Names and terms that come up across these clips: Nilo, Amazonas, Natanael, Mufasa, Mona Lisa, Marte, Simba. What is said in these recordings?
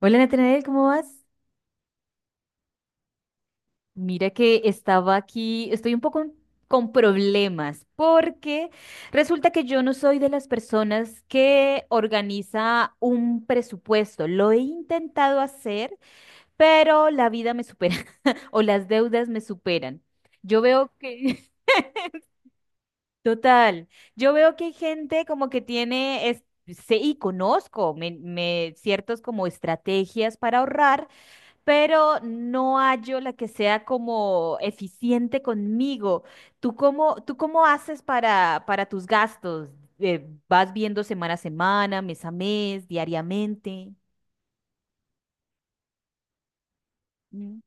Hola Natanael, ¿cómo vas? Mira que estaba aquí, estoy un poco con problemas porque resulta que yo no soy de las personas que organiza un presupuesto. Lo he intentado hacer, pero la vida me supera o las deudas me superan. Yo veo que, total, yo veo que hay gente como que tiene, sé y conozco ciertos como estrategias para ahorrar. Pero no hallo la que sea como eficiente conmigo. ¿Tú cómo haces para tus gastos? ¿Vas viendo semana a semana, mes a mes, diariamente? Mm.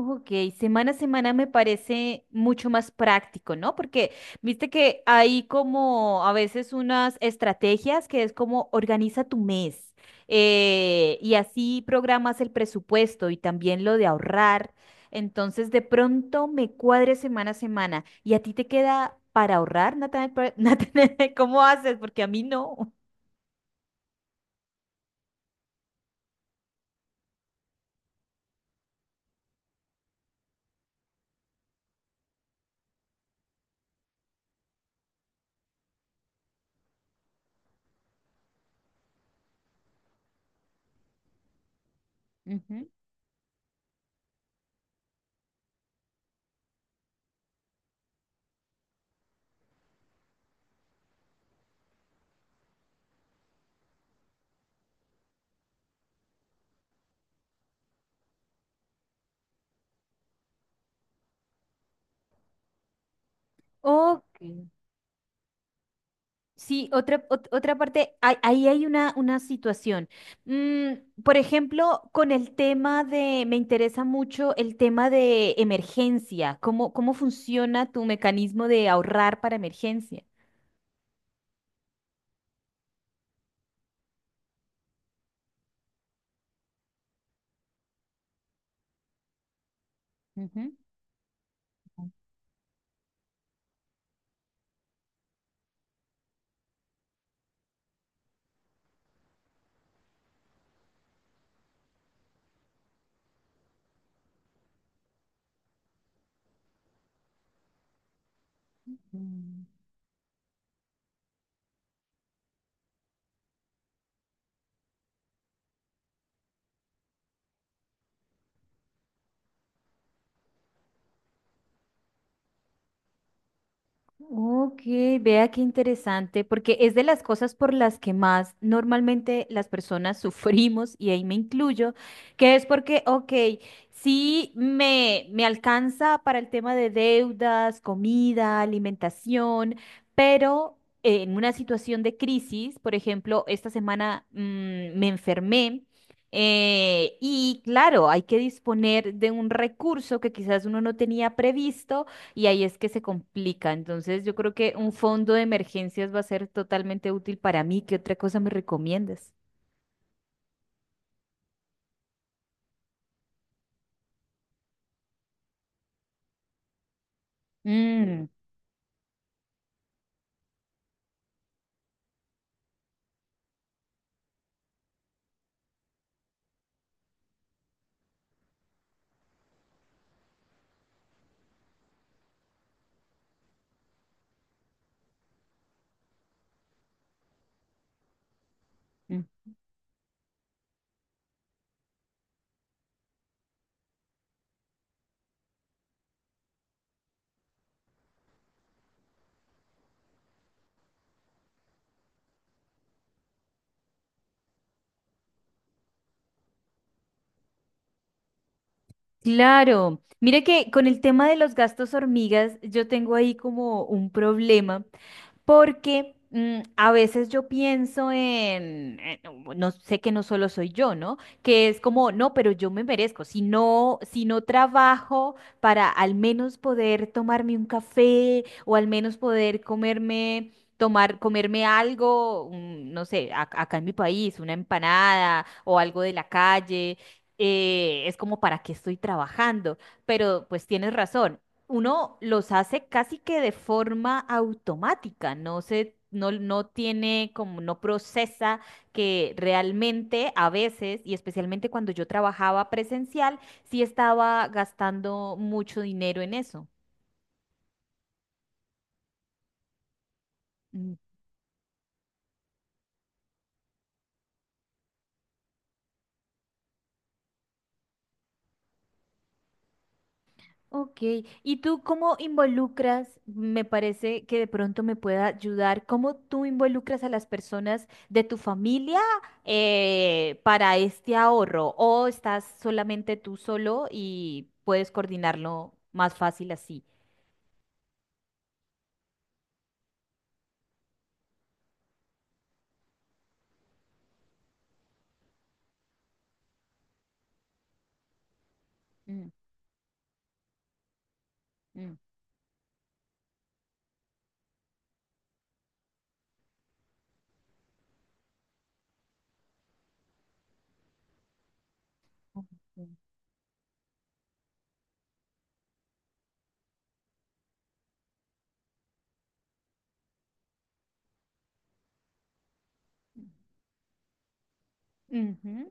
Ok, semana a semana me parece mucho más práctico, ¿no? Porque viste que hay como a veces unas estrategias que es como organiza tu mes, y así programas el presupuesto y también lo de ahorrar. Entonces de pronto me cuadre semana a semana y a ti te queda para ahorrar, Natanael. Natanael, ¿cómo haces? Porque a mí no. Ujú. Ok. Sí, otra parte, ahí hay una situación. Mm, por ejemplo, con el tema de, me interesa mucho el tema de emergencia. ¿Cómo funciona tu mecanismo de ahorrar para emergencia? Ujú. Ok, vea qué interesante, porque es de las cosas por las que más normalmente las personas sufrimos, y ahí me incluyo, que es porque, ok, sí me alcanza para el tema de deudas, comida, alimentación, pero en una situación de crisis, por ejemplo, esta semana me enfermé. Y claro, hay que disponer de un recurso que quizás uno no tenía previsto, y ahí es que se complica. Entonces, yo creo que un fondo de emergencias va a ser totalmente útil para mí. ¿Qué otra cosa me recomiendas? Mm, mm, claro. Mire que con el tema de los gastos hormigas, yo tengo ahí como un problema porque, a veces yo pienso no, no sé, que no solo soy yo, ¿no? Que es como, no, pero yo me merezco, si no trabajo para al menos poder tomarme un café o al menos poder comerme... tomar, comerme algo, no sé, acá en mi país, una empanada o algo de la calle. Es como, ¿para qué estoy trabajando? Pero pues tienes razón, uno los hace casi que de forma automática, no se, no tiene como, no procesa que realmente a veces, y especialmente cuando yo trabajaba presencial, sí estaba gastando mucho dinero en eso. Ok, ¿y tú cómo involucras? Me parece que de pronto me pueda ayudar. ¿Cómo tú involucras a las personas de tu familia, para este ahorro? ¿O estás solamente tú solo y puedes coordinarlo más fácil así? Mm, mm. Ujú.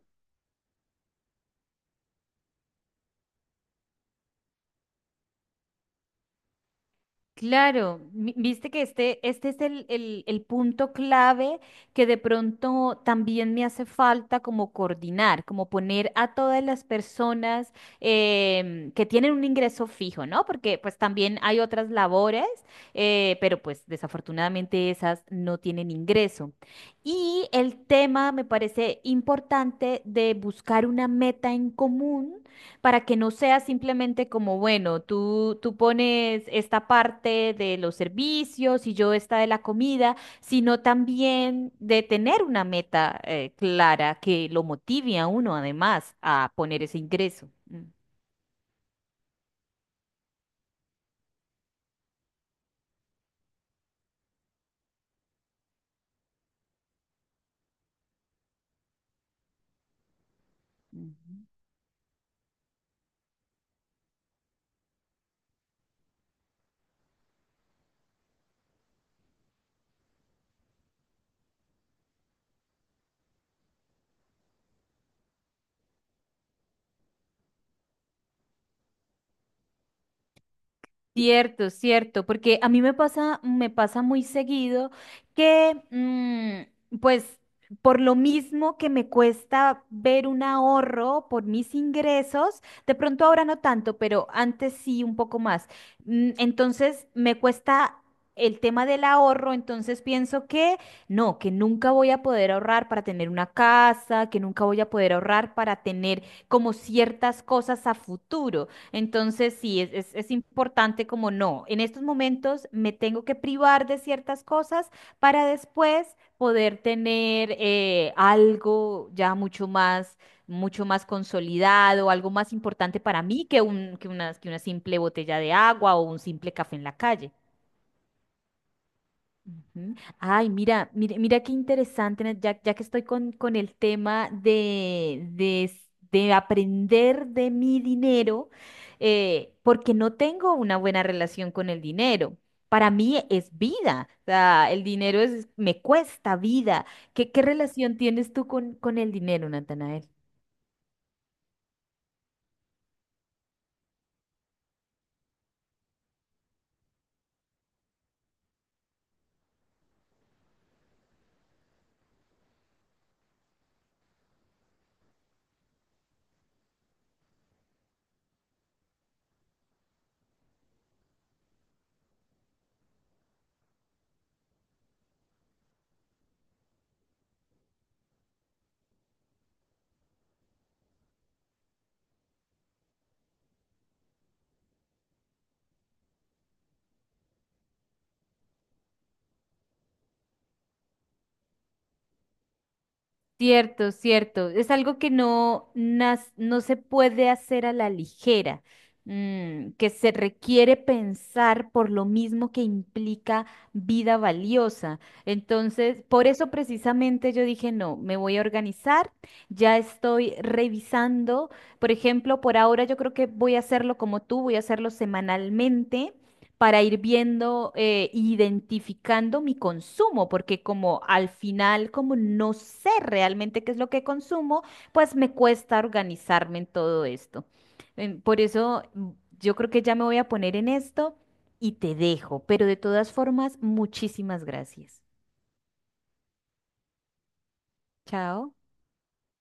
Claro, viste que este es el punto clave, que de pronto también me hace falta como coordinar, como poner a todas las personas, que tienen un ingreso fijo, ¿no? Porque pues también hay otras labores, pero pues desafortunadamente esas no tienen ingreso. Y el tema me parece importante de buscar una meta en común para que no sea simplemente como, bueno, tú pones esta parte de los servicios y yo esta de la comida, sino también de tener una meta clara, que lo motive a uno además a poner ese ingreso. Mm. Ujú. Cierto, cierto, porque a mí me pasa muy seguido que, pues, por lo mismo que me cuesta ver un ahorro por mis ingresos, de pronto ahora no tanto, pero antes sí un poco más. Mm, entonces me cuesta el tema del ahorro, entonces pienso que no, que nunca voy a poder ahorrar para tener una casa, que nunca voy a poder ahorrar para tener como ciertas cosas a futuro. Entonces, sí, es importante, como, no. En estos momentos me tengo que privar de ciertas cosas para después poder tener, algo ya mucho más consolidado, algo más importante para mí que que una simple botella de agua o un simple café en la calle. Ujú. Ay, mira, mira, mira qué interesante, Nat, ya, ya que estoy con el tema de, de aprender de mi dinero, porque no tengo una buena relación con el dinero. Para mí es vida, o sea, el dinero es, me cuesta vida. ¿Qué relación tienes tú con el dinero, Natanael? Cierto, cierto. Es algo que no, no se puede hacer a la ligera, mm, que se requiere pensar por lo mismo que implica vida valiosa. Entonces, por eso precisamente yo dije, no, me voy a organizar, ya estoy revisando. Por ejemplo, por ahora yo creo que voy a hacerlo como tú, voy a hacerlo semanalmente para ir viendo, identificando mi consumo, porque como al final, como no sé realmente qué es lo que consumo, pues me cuesta organizarme en todo esto. Por eso, yo creo que ya me voy a poner en esto y te dejo, pero de todas formas, muchísimas gracias. Chao.